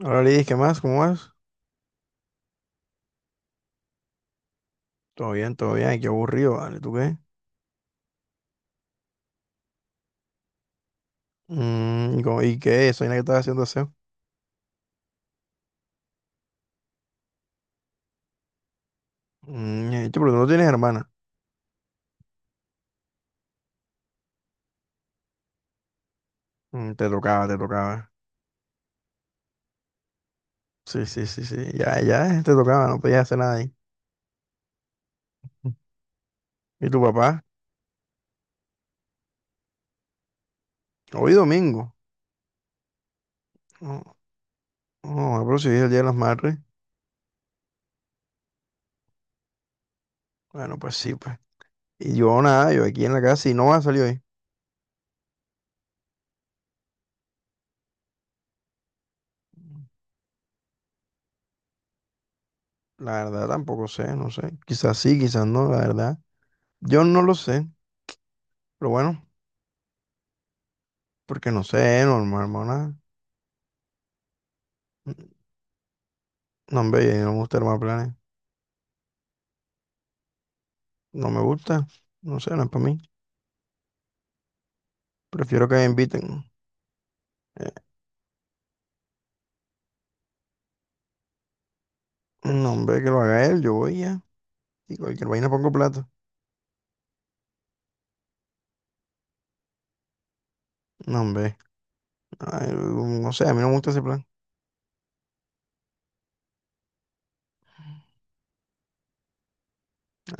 Hola Lidis, ¿qué más? ¿Cómo vas? Todo bien, todo bien. Ay, qué aburrido, ¿vale? ¿Tú qué? Mm, ¿y qué? Soy la que estaba haciendo aseo. Mm, che, pero tú no tienes hermana. Mm, te tocaba, te tocaba. Sí, sí, sí, sí. Ya, ya, te tocaba, no podías hacer nada ahí. ¿Y tu papá? Hoy domingo. No, no, ah, pero si hoy es el Día de las Madres. Bueno, pues sí, pues. Y yo nada, yo aquí en la casa y no va a salir hoy. La verdad tampoco sé, no sé. Quizás sí, quizás no, la verdad. Yo no lo sé, pero bueno, porque no sé, normal, hermana. No, hombre, a mí no me gusta armar planes. No me gusta. No sé, no es para mí. Prefiero que me inviten. Eh, no, hombre, que lo haga él, yo voy ya. Y cualquier vaina pongo plata. No, hombre. Ay, no sé, a mí no me gusta ese plan.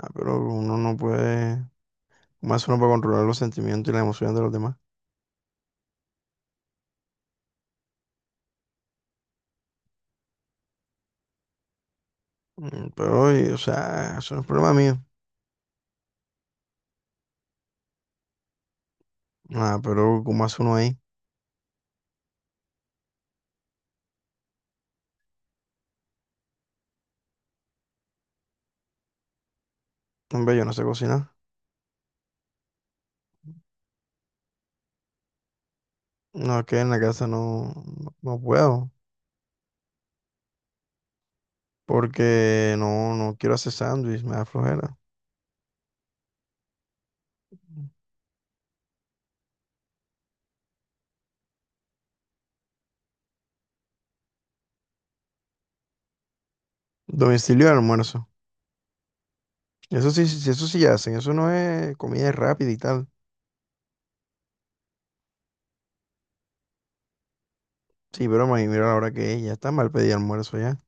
Ah, pero uno no puede. Más uno puede controlar los sentimientos y las emociones de los demás. Pero, o sea, eso no es problema mío. Ah, ¿pero como hace uno ahí? No, hombre, yo no sé cocinar. No, es que en la casa no, no puedo. Porque no, no quiero hacer sándwich, me da flojera. Domicilio de almuerzo. Eso sí, sí, eso sí hacen. Eso no es comida rápida y tal. Sí, pero me mira la hora que es. Ya está mal pedir almuerzo ya.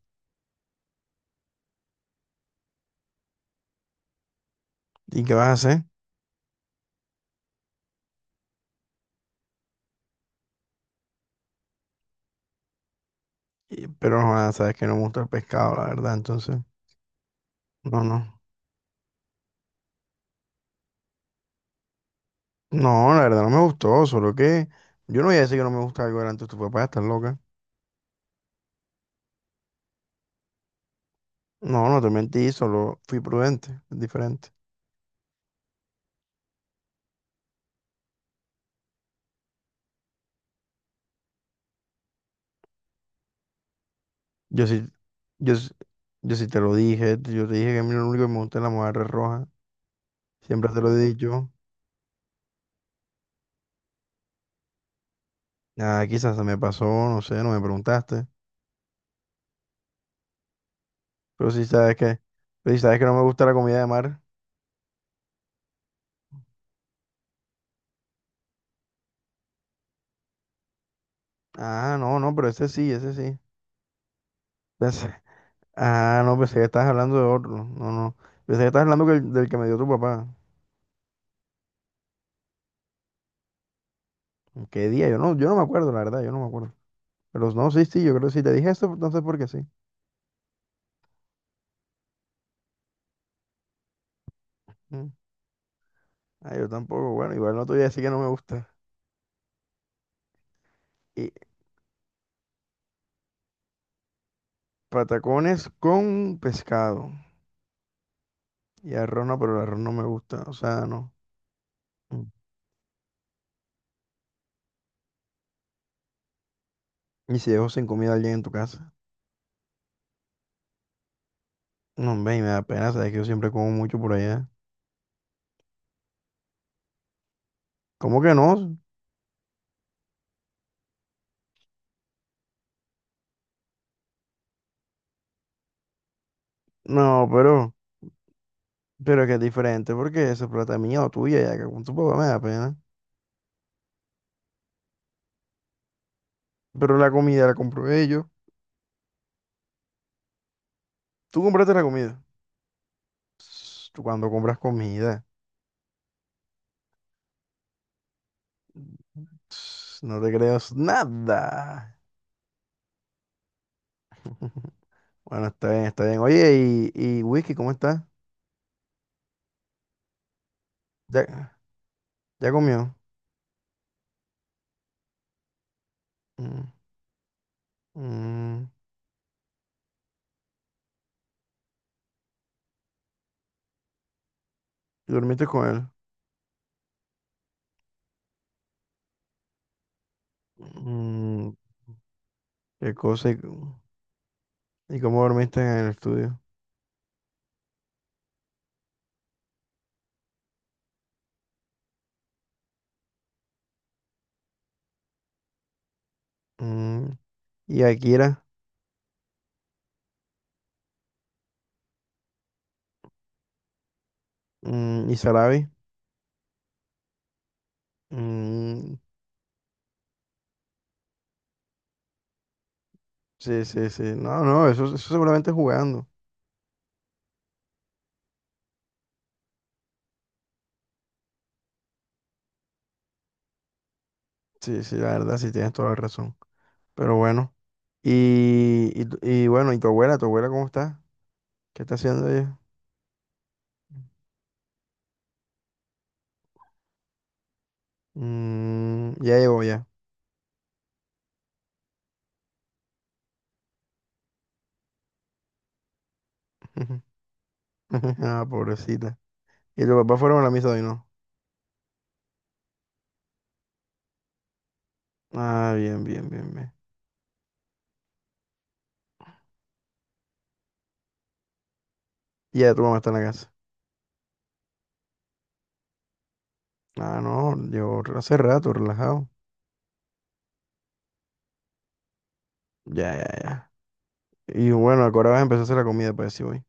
¿Y qué vas a hacer? Pero no, ah, sabes que no me gusta el pescado, la verdad. Entonces, no, no. No, la verdad no me gustó. Solo que yo no voy a decir que no me gusta algo delante de tu papá. Estás loca. No, no te mentí. Solo fui prudente. Es diferente. Yo sí, yo, sí- yo sí te lo dije. Yo te dije que a mí lo único que me gusta es la mojarra roja. Siempre te lo he dicho. Ah, quizás se me pasó, no sé, no me preguntaste. Pero si sabes que, pero si sabes que no me gusta la comida de mar. Ah, no, no, pero ese sí, ese sí. Pensé- ah, no, pensé que estabas hablando de otro. No, no. Pensé que estabas hablando del que me dio tu papá. ¿Qué día? Yo no me acuerdo, la verdad, yo no me acuerdo. Pero no, sí, sí, yo creo que si te dije eso, entonces porque sí. Mm. Ah, yo tampoco. Bueno, igual no te voy a decir que no me gusta. Y patacones con pescado. Y arroz no, pero el arroz no me gusta. O sea, no. Mm. ¿Y si dejo sin comida a alguien en tu casa? No, hombre, y me da pena, sabes que yo siempre como mucho por allá. ¿Cómo que no? No, pero es que es diferente porque esa es plata es mía o tuya, ya que con tu papá me da pena. Pero la comida la compro ellos. Tú compraste la comida. Ps, tú cuando compras comida, ps, no te creas nada. Bueno, está bien, está bien. Oye, y Whisky, ¿cómo está? ¿Ya, ¿ya comió? Mm, mm, ¿y ¿dormiste con él? Mm, ¿qué cosa? ¿Y cómo dormiste en el estudio? Mm, y Akira. Mm, y Sarabi. Mm, sí, sí, sí. No, no, eso seguramente es jugando. Sí, sí, la verdad, sí tienes toda la razón. Pero bueno. Y bueno, ¿y tu abuela? ¿Tu abuela cómo está? ¿Qué está haciendo ella? Mm, ya llegó ya. Ah, pobrecita. ¿Y tu papá fueron a la misa de hoy, no? Ah, bien, bien, bien, bien. Y ya tu mamá está en la casa. Ah, no, yo hace rato, relajado. Ya, ya, ya. Y bueno, ahora vas a empezar a hacer la comida, para decir voy.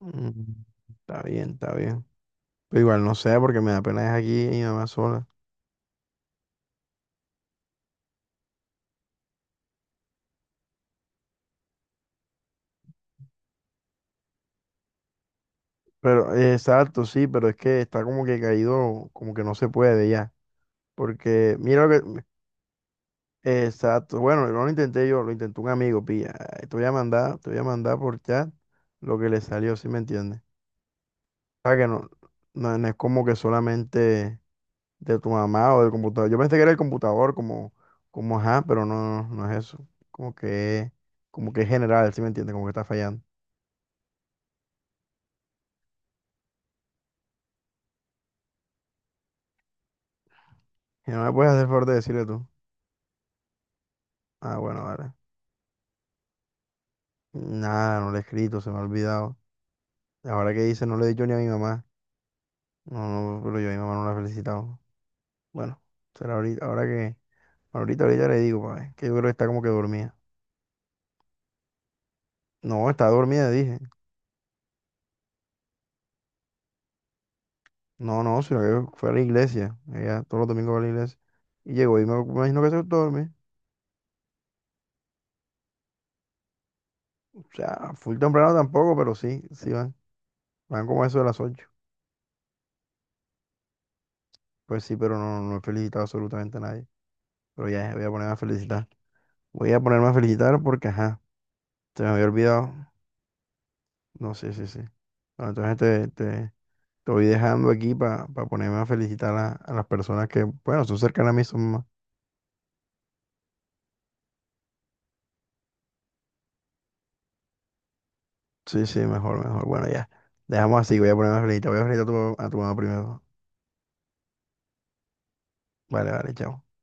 Mm, está bien, está bien. Pero igual no sé, porque me da pena dejar aquí a mi mamá sola. Pero, exacto, sí, pero es que está como que caído, como que no se puede ya. Porque, mira lo que. Exacto. Bueno, no lo intenté yo, lo intentó un amigo, pilla. Te voy a mandar por chat lo que le salió, si me entiendes. O sea que no, no es como que solamente de tu mamá o del computador. Yo pensé que era el computador, como, como ajá, pero no, no es eso. Como que es general, si me entiendes, como que está fallando. ¿Y no me puedes hacer el favor de decirle tú? Ah, bueno, vale. Nada, no le he escrito, se me ha olvidado. Ahora que dice, no le he dicho ni a mi mamá. No, no, pero yo a mi mamá no la he felicitado. Bueno, será ahorita, ahorita le digo, pa, que yo creo que está como que dormida. No, está dormida, dije. No, no, sino que fue a la iglesia. Ella todos los domingos va a la iglesia. Y llegó y me imagino que se duerme. O sea, full temprano tampoco, pero sí, sí van. Van como a eso de las 8. Pues sí, pero no, no he felicitado absolutamente a nadie. Pero ya voy a ponerme a felicitar. Voy a ponerme a felicitar porque, ajá, se me había olvidado. No, sí, sí, sí. Bueno, entonces te, te, te voy dejando aquí para ponerme a felicitar a las personas que, bueno, son cercanas a mí, son más. Sí, sí, mejor, mejor. Bueno, ya. Dejamos así, voy a ponerme a felicitar. Voy a felicitar a a tu mamá primero. Vale, vale, chao.